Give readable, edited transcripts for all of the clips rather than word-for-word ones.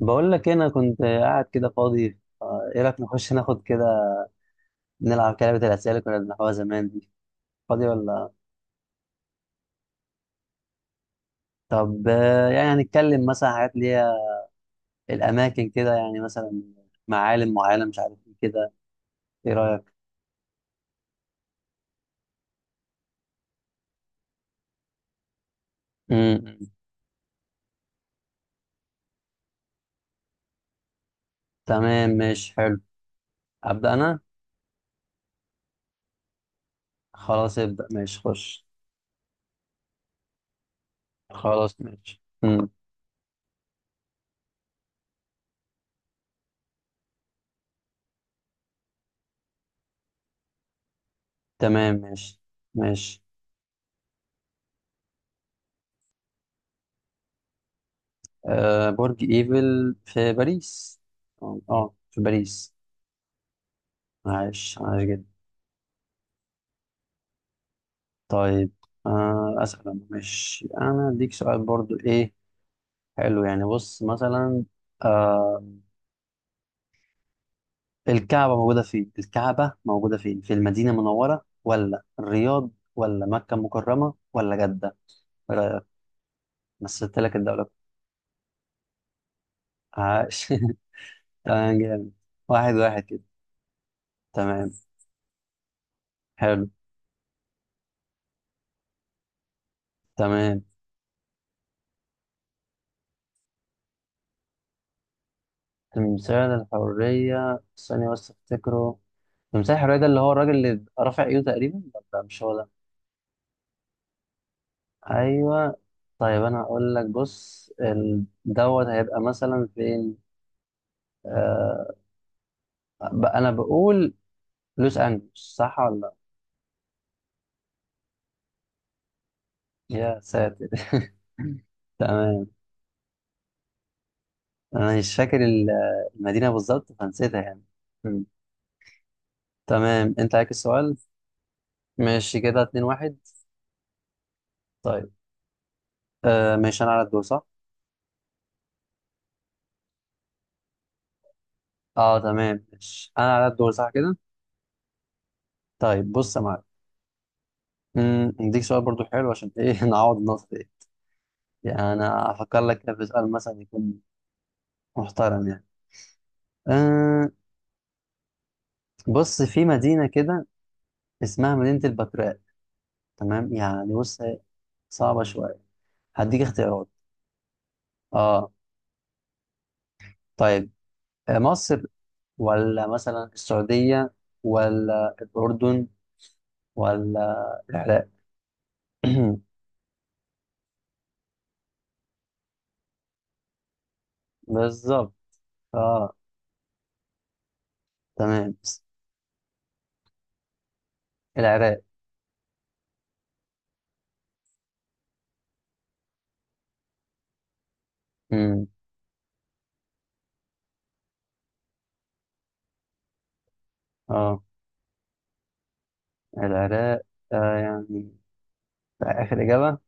بقول لك إيه، انا كنت قاعد كده فاضي ايه رايك نخش ناخد كده نلعب لعبه الاسئله اللي كنا بنلعبها زمان دي فاضي ولا؟ طب يعني نتكلم مثلا عن حاجات اللي هي الاماكن كده يعني مثلا معالم مش عارف ايه كده، ايه رايك؟ امم تمام ماشي حلو. ابدا انا. خلاص ابدا ماشي خش. خلاص ماشي. تمام ماشي ماشي. أه برج ايفل في باريس. اه في باريس. عاش عاش جدا. طيب آه، أسأل أنا ماشي، أنا أديك سؤال برضو إيه، حلو. يعني بص مثلا آه، الكعبة موجودة فين؟ الكعبة موجودة فين؟ في المدينة المنورة ولا الرياض ولا مكة المكرمة ولا جدة؟ إيه رأيك؟ مثلت لك الدولة. عاش. تمام جامد. واحد واحد كده. تمام. حلو. تمام. تمثال الحرية، ثانية بس أفتكره. تمثال الحرية ده اللي هو الراجل اللي رافع إيده تقريبا، ولا مش هو ده؟ ايوه. طيب انا اقول لك، بص دوت هيبقى مثلا فين. آه، انا بقول لوس انجلوس، صح ولا لا؟ يا ساتر. تمام. انا مش فاكر المدينه بالظبط فنسيتها يعني. مم. تمام انت عليك السؤال. ماشي كده 2 1. طيب آه، ماشي انا على الدور صح. اه تمام ماشي، انا على الدور صح كده. طيب بص يا معلم، اديك سؤال برضو حلو عشان ايه. نعوض النقطه دي. يعني انا افكر لك كده في سؤال مثلا يكون محترم يعني. أه بص، في مدينة كده اسمها مدينة البتراء. تمام، يعني بص هي صعبة شوية، هديك اختيارات. اه طيب، مصر ولا مثلا السعودية ولا الأردن ولا العراق؟ بالظبط. اه تمام. العراق. امم اه، العراق، آه يعني آخر إجابة.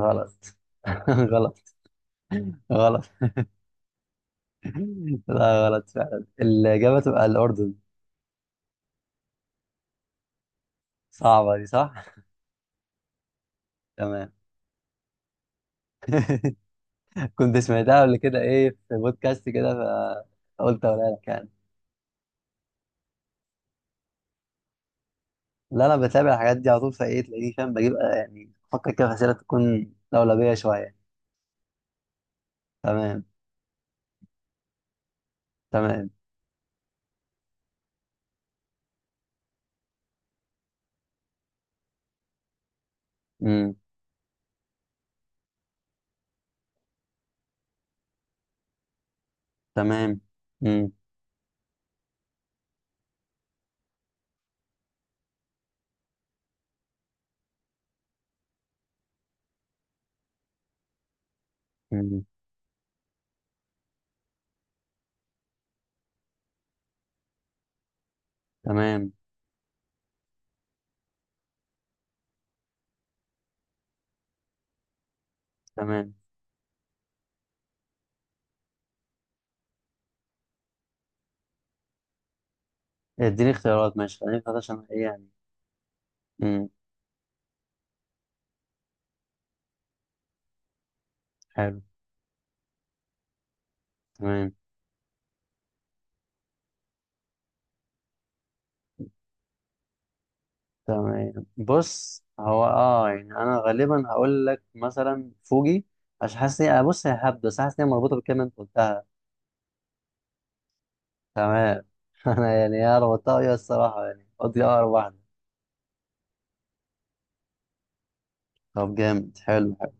غلط. غلط. غلط. لا غلط فعلا، الإجابة تبقى الأردن. صعبة دي صح؟ تمام. كنت سمعتها قبل كده ايه في بودكاست كده، فقلت اقولها لك يعني. لا انا بتابع الحاجات دي على طول، فايه تلاقيني فاهم، بجيب يعني افكر كده في اسئله تكون لولبيه شويه. تمام. تمام. امم تمام. امم امم تمام. تمام. اديني اختيارات ماشي، خليني اختار عشان ايه يعني. امم حلو. تمام. تمام بص، هو اه يعني انا غالبا هقول لك مثلا فوجي. عشان حاسس انا، بص هي هبدا بس حاسس ان هي مربوطه بالكلمه اللي انت قلتها. تمام. انا يعني يا ربطتها ويا الصراحه، يعني قلت لي اقرب واحده. طب جامد حلو حلو.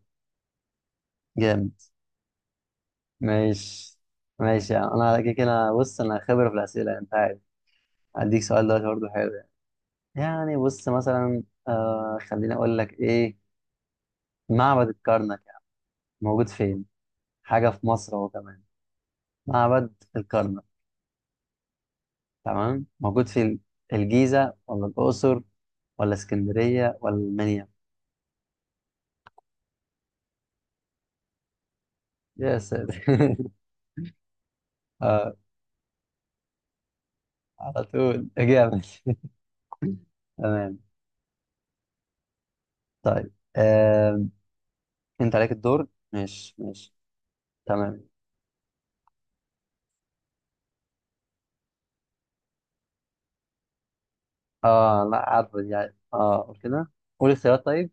جامد. ماشي. ماشي يعني انا على كده كده، بص انا خبره في الاسئله يعني، انت عارف. هديك سؤال دلوقتي برضه حلو يعني. يعني بص مثلا آه، خليني اقول لك ايه. معبد الكرنك يعني موجود فين، حاجه في مصر اهو كمان. معبد الكرنك تمام، موجود في الجيزه ولا الاقصر ولا اسكندريه ولا المنيا؟ يا ساتر. آه، على طول اجابه. تمام. طيب انت عليك الدور. ماشي ماشي. تمام. اه لا عارف يعني، اه قول كده. قول اختيارات طيب.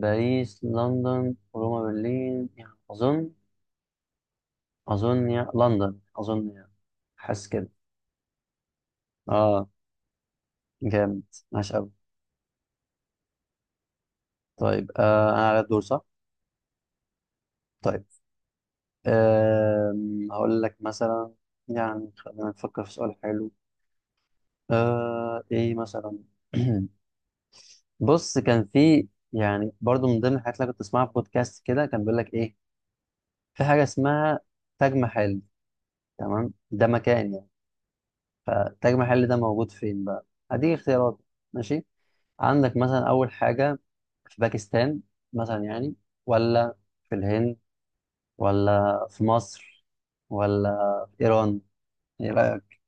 باريس لندن روما برلين، يعني اظن، اظن يعني لندن اظن يعني، حاسس كده. اه. جامد. ماشي قوي. طيب آه، انا على الدور صح؟ طيب آه، هقول لك مثلا، يعني خلينا نفكر في سؤال حلو. آه ايه مثلا. بص كان في يعني برضو من ضمن الحاجات اللي أنا كنت اسمعها في بودكاست كده، كان بيقول لك ايه، في حاجه اسمها تاج محل، تمام، ده مكان يعني. فتاج محل ده موجود فين بقى؟ هديك اختيارات ماشي. عندك مثلا اول حاجه في باكستان مثلا يعني، ولا في الهند، ولا في مصر، ولا في ايران؟ ايه رايك؟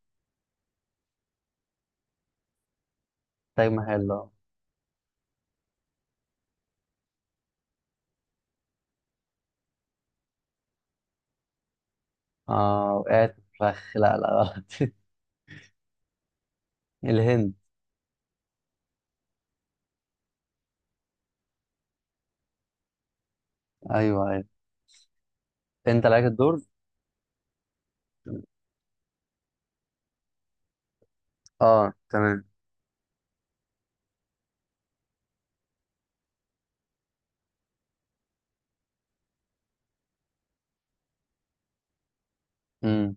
تاج محل اه. وقعت فخ. لا لا غلط. الهند. ايوه ايوه. انت عليك الدور. اه تمام. امم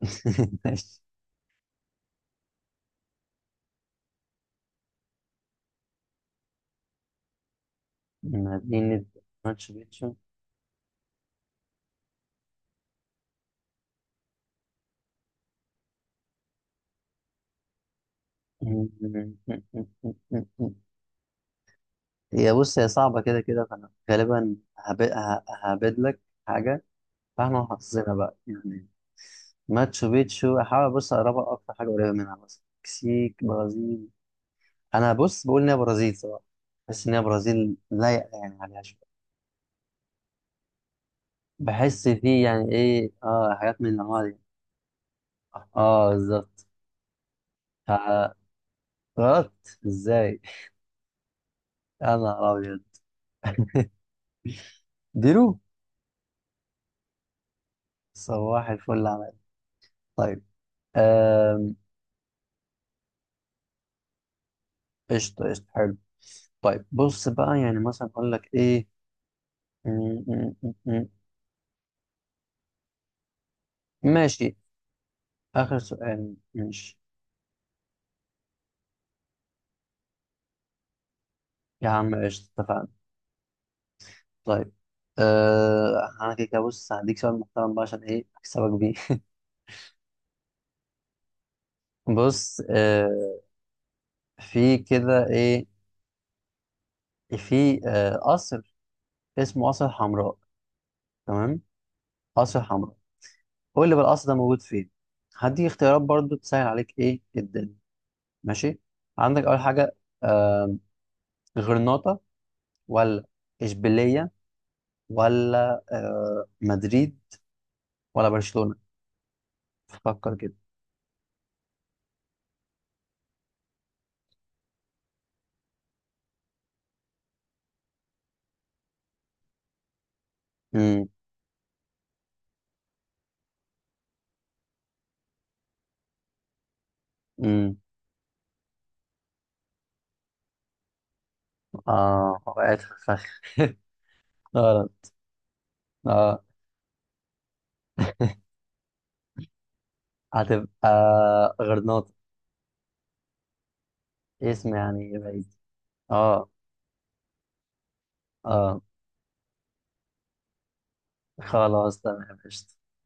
ماشي. مدينة ماتشو بيتشو. هي بص هي صعبة كده كده، فأنا غالبا ههبد لك حاجة، فاحنا حافظينها بقى يعني. ماتشو بيتشو. أحاول بص أقربها أكتر حاجة قريبة منها، مثلا مكسيك برازيل. أنا بص بقول إن هي برازيل صراحة، بحس إن هي برازيل لايقة يعني عليها شوية، بحس فيه يعني إيه آه، حاجات من الأنواع دي. آه بالظبط. ف- غلط إزاي؟ أنا أبيض. ديرو. صباح الفل عماد. طيب آم، قشطة قشطة حلو. طيب بص بقى يعني مثلا أقول لك إيه. م- م- م- م- ماشي آخر سؤال ماشي يا عم، قشطة، اتفقنا. طيب أنا كده كده بص هديك سؤال محترم بقى عشان إيه أكسبك بيه. بص آه، في كده إيه، في آه، قصر اسمه قصر حمراء، تمام. قصر حمراء، قول لي بقى القصر ده موجود فين. هديك اختيارات برضو تسهل عليك إيه الدنيا، ماشي. عندك اول حاجه آه، غرناطه، ولا اشبيليه، ولا آه، مدريد، ولا برشلونه؟ فكر كده. امم امم اه وقعت في الفخ. غلط. اه هتبقى غرناطه، اسم يعني بعيد. اه اه خلاص تمام قشطة.